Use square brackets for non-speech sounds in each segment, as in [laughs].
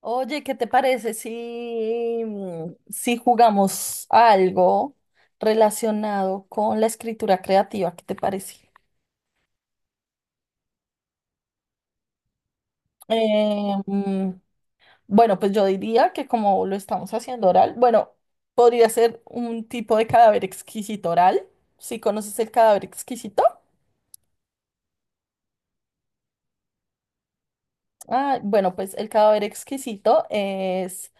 Oye, ¿qué te parece si, si jugamos a algo relacionado con la escritura creativa? ¿Qué te parece? Eh, mm, bueno, pues yo diría que como lo estamos haciendo oral, bueno, podría ser un tipo de cadáver exquisito oral. ¿Sí conoces el cadáver exquisito? Ah, bueno, pues el cadáver exquisito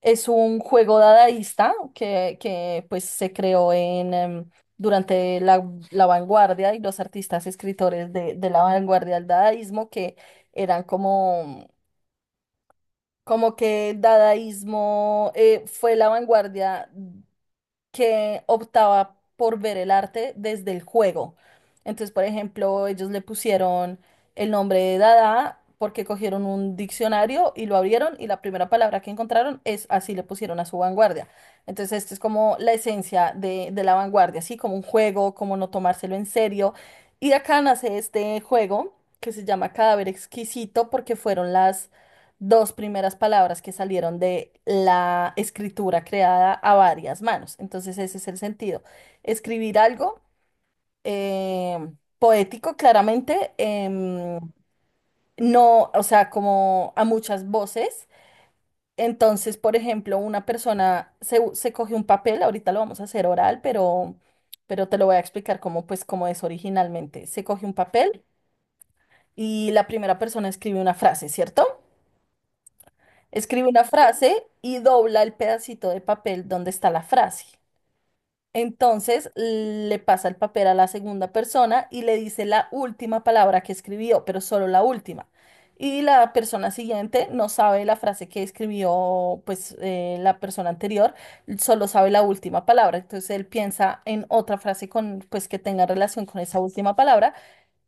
es un juego dadaísta que pues se creó en, durante la vanguardia y los artistas escritores de la vanguardia del dadaísmo que eran como como que dadaísmo fue la vanguardia que optaba por ver el arte desde el juego. Entonces, por ejemplo, ellos le pusieron el nombre de Dada porque cogieron un diccionario y lo abrieron y la primera palabra que encontraron es así le pusieron a su vanguardia. Entonces, esto es como la esencia de la vanguardia, así como un juego, como no tomárselo en serio. Y de acá nace este juego que se llama Cadáver Exquisito porque fueron las dos primeras palabras que salieron de la escritura creada a varias manos. Entonces ese es el sentido. Escribir algo eh, poético, claramente, no, o sea, como a muchas voces. Entonces, por ejemplo, una persona se coge un papel, ahorita lo vamos a hacer oral, pero te lo voy a explicar cómo, pues, cómo es originalmente. Se coge un papel y la primera persona escribe una frase, ¿cierto? Escribe una frase y dobla el pedacito de papel donde está la frase. Entonces le pasa el papel a la segunda persona y le dice la última palabra que escribió, pero solo la última. Y la persona siguiente no sabe la frase que escribió, pues la persona anterior, solo sabe la última palabra. Entonces él piensa en otra frase con, pues que tenga relación con esa última palabra,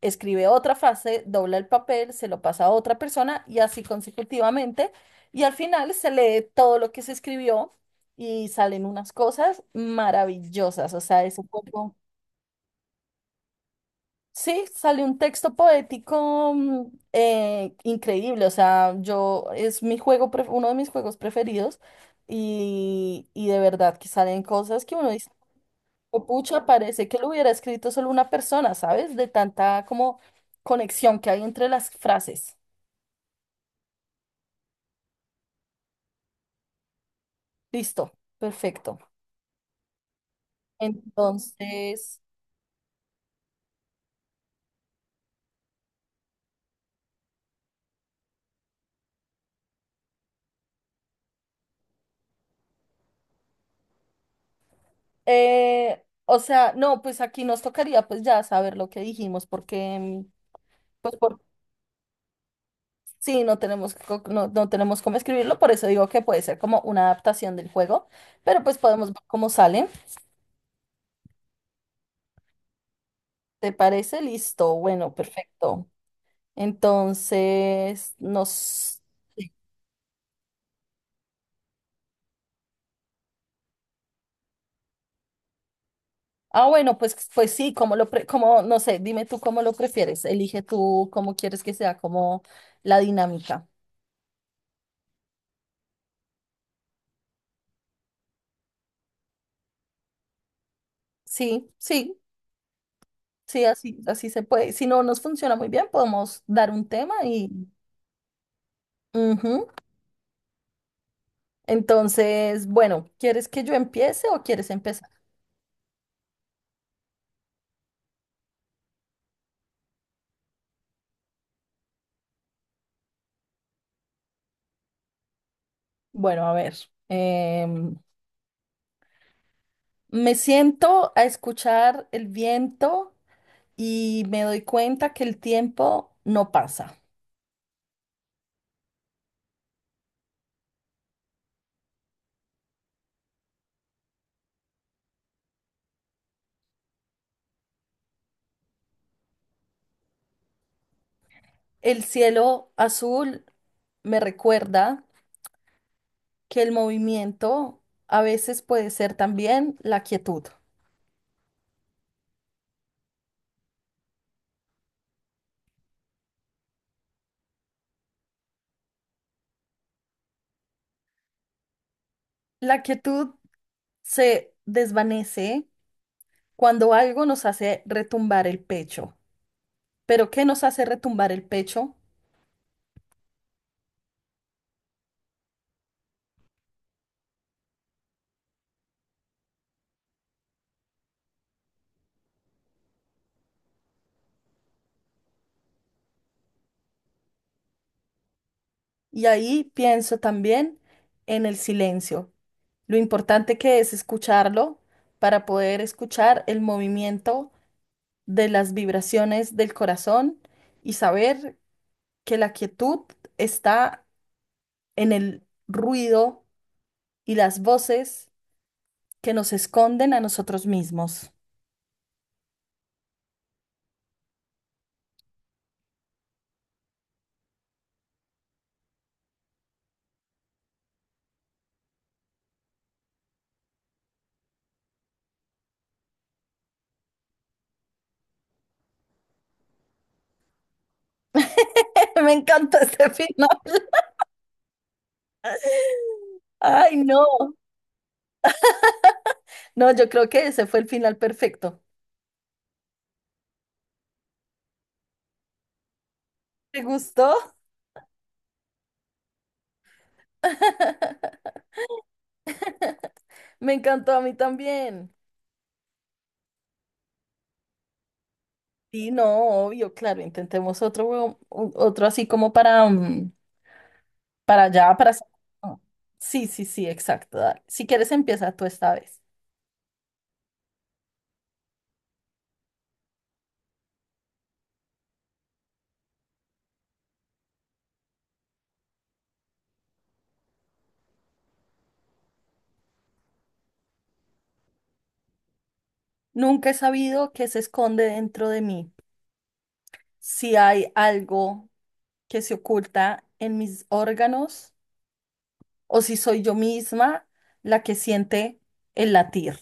escribe otra frase, dobla el papel, se lo pasa a otra persona y así consecutivamente. Y al final se lee todo lo que se escribió y salen unas cosas maravillosas. O sea, es un poco... Sí, sale un texto poético increíble. O sea, yo es mi juego, uno de mis juegos preferidos y de verdad que salen cosas que uno dice, "Oh, pucha, parece que lo hubiera escrito solo una persona, ¿sabes? De tanta como conexión que hay entre las frases." Listo, perfecto. Entonces, o sea, no, pues aquí nos tocaría pues ya saber lo que dijimos, porque pues por sí, no tenemos no, no tenemos cómo escribirlo, por eso digo que puede ser como una adaptación del juego, pero pues podemos ver cómo sale. ¿Te parece? Listo, bueno, perfecto. Entonces, nos... Ah, bueno, pues, pues sí, como lo como, no sé, dime tú cómo lo prefieres. Elige tú cómo quieres que sea como la dinámica. Sí, sí. Sí, así, así se puede. Si no nos funciona muy bien, podemos dar un tema y... Ujú. Entonces, bueno, ¿quieres que yo empiece o quieres empezar? Bueno, a ver. em, Me siento a escuchar el viento y me doy cuenta que el tiempo no pasa. El cielo azul me recuerda que el movimiento a veces puede ser también la quietud. La quietud se desvanece cuando algo nos hace retumbar el pecho. Pero ¿qué nos hace retumbar el pecho? Y ahí pienso también en el silencio, lo importante que es escucharlo para poder escuchar el movimiento de las vibraciones del corazón y saber que la quietud está en el ruido y las voces que nos esconden a nosotros mismos. [laughs] Me encanta este [laughs] final. Ay, no. No, yo creo que ese fue el final perfecto. ¿Te gustó? [laughs] Me encantó a mí también. Sí, no, obvio, claro, intentemos otro, otro así como para, para allá, para... Oh, sí, sí, sí, exacto. Dale. Si quieres, empieza tú esta vez. Nunca he sabido qué se esconde dentro de mí, si hay algo que se oculta en mis órganos o si soy yo misma la que siente el latir.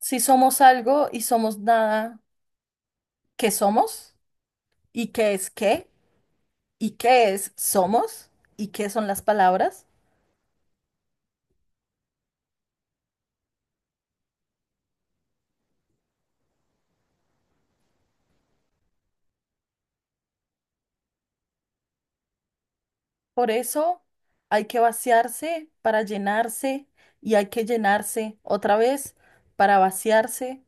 Si somos algo y somos nada, ¿qué somos? ¿Y qué es qué? ¿Y qué es somos y qué son las palabras? Por eso hay que vaciarse para llenarse y hay que llenarse otra vez para vaciarse.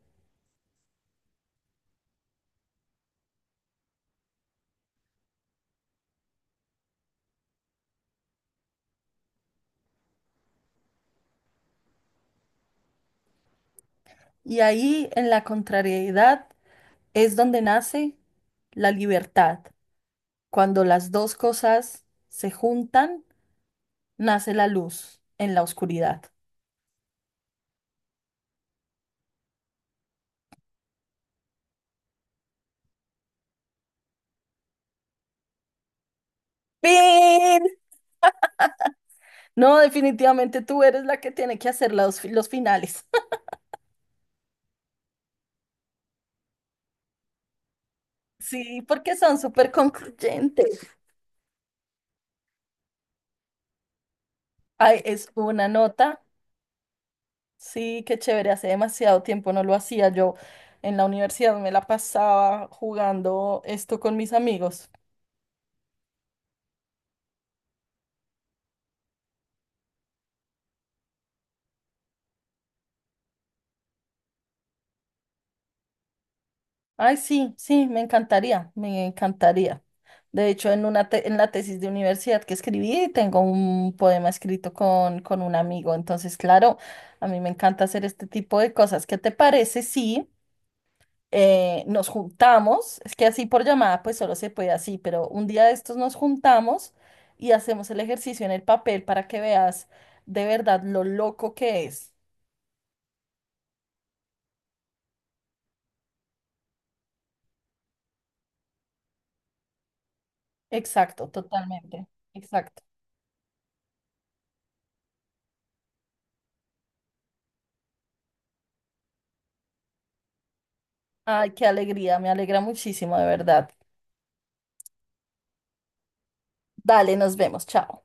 Y ahí en la contrariedad es donde nace la libertad. Cuando las dos cosas se juntan, nace la luz en la oscuridad. ¡Pin! No, definitivamente tú eres la que tiene que hacer los finales. [laughs] Sí, porque son súper concluyentes. Ay, es una nota. Sí, qué chévere. Hace demasiado tiempo no lo hacía. Yo en la universidad me la pasaba jugando esto con mis amigos. Ay, sí, sí, me encantaría, me encantaría. De hecho, en una en la tesis de universidad que escribí, tengo un poema escrito con un amigo. Entonces, claro, a mí me encanta hacer este tipo de cosas. ¿Qué te parece? Sí. Nos juntamos, es que así por llamada pues solo se puede así, pero un día de estos nos juntamos y hacemos el ejercicio en el papel para que veas de verdad lo loco que es. Exacto, totalmente. Exacto. Ay, qué alegría, me alegra muchísimo, de verdad. Dale, nos vemos, chao.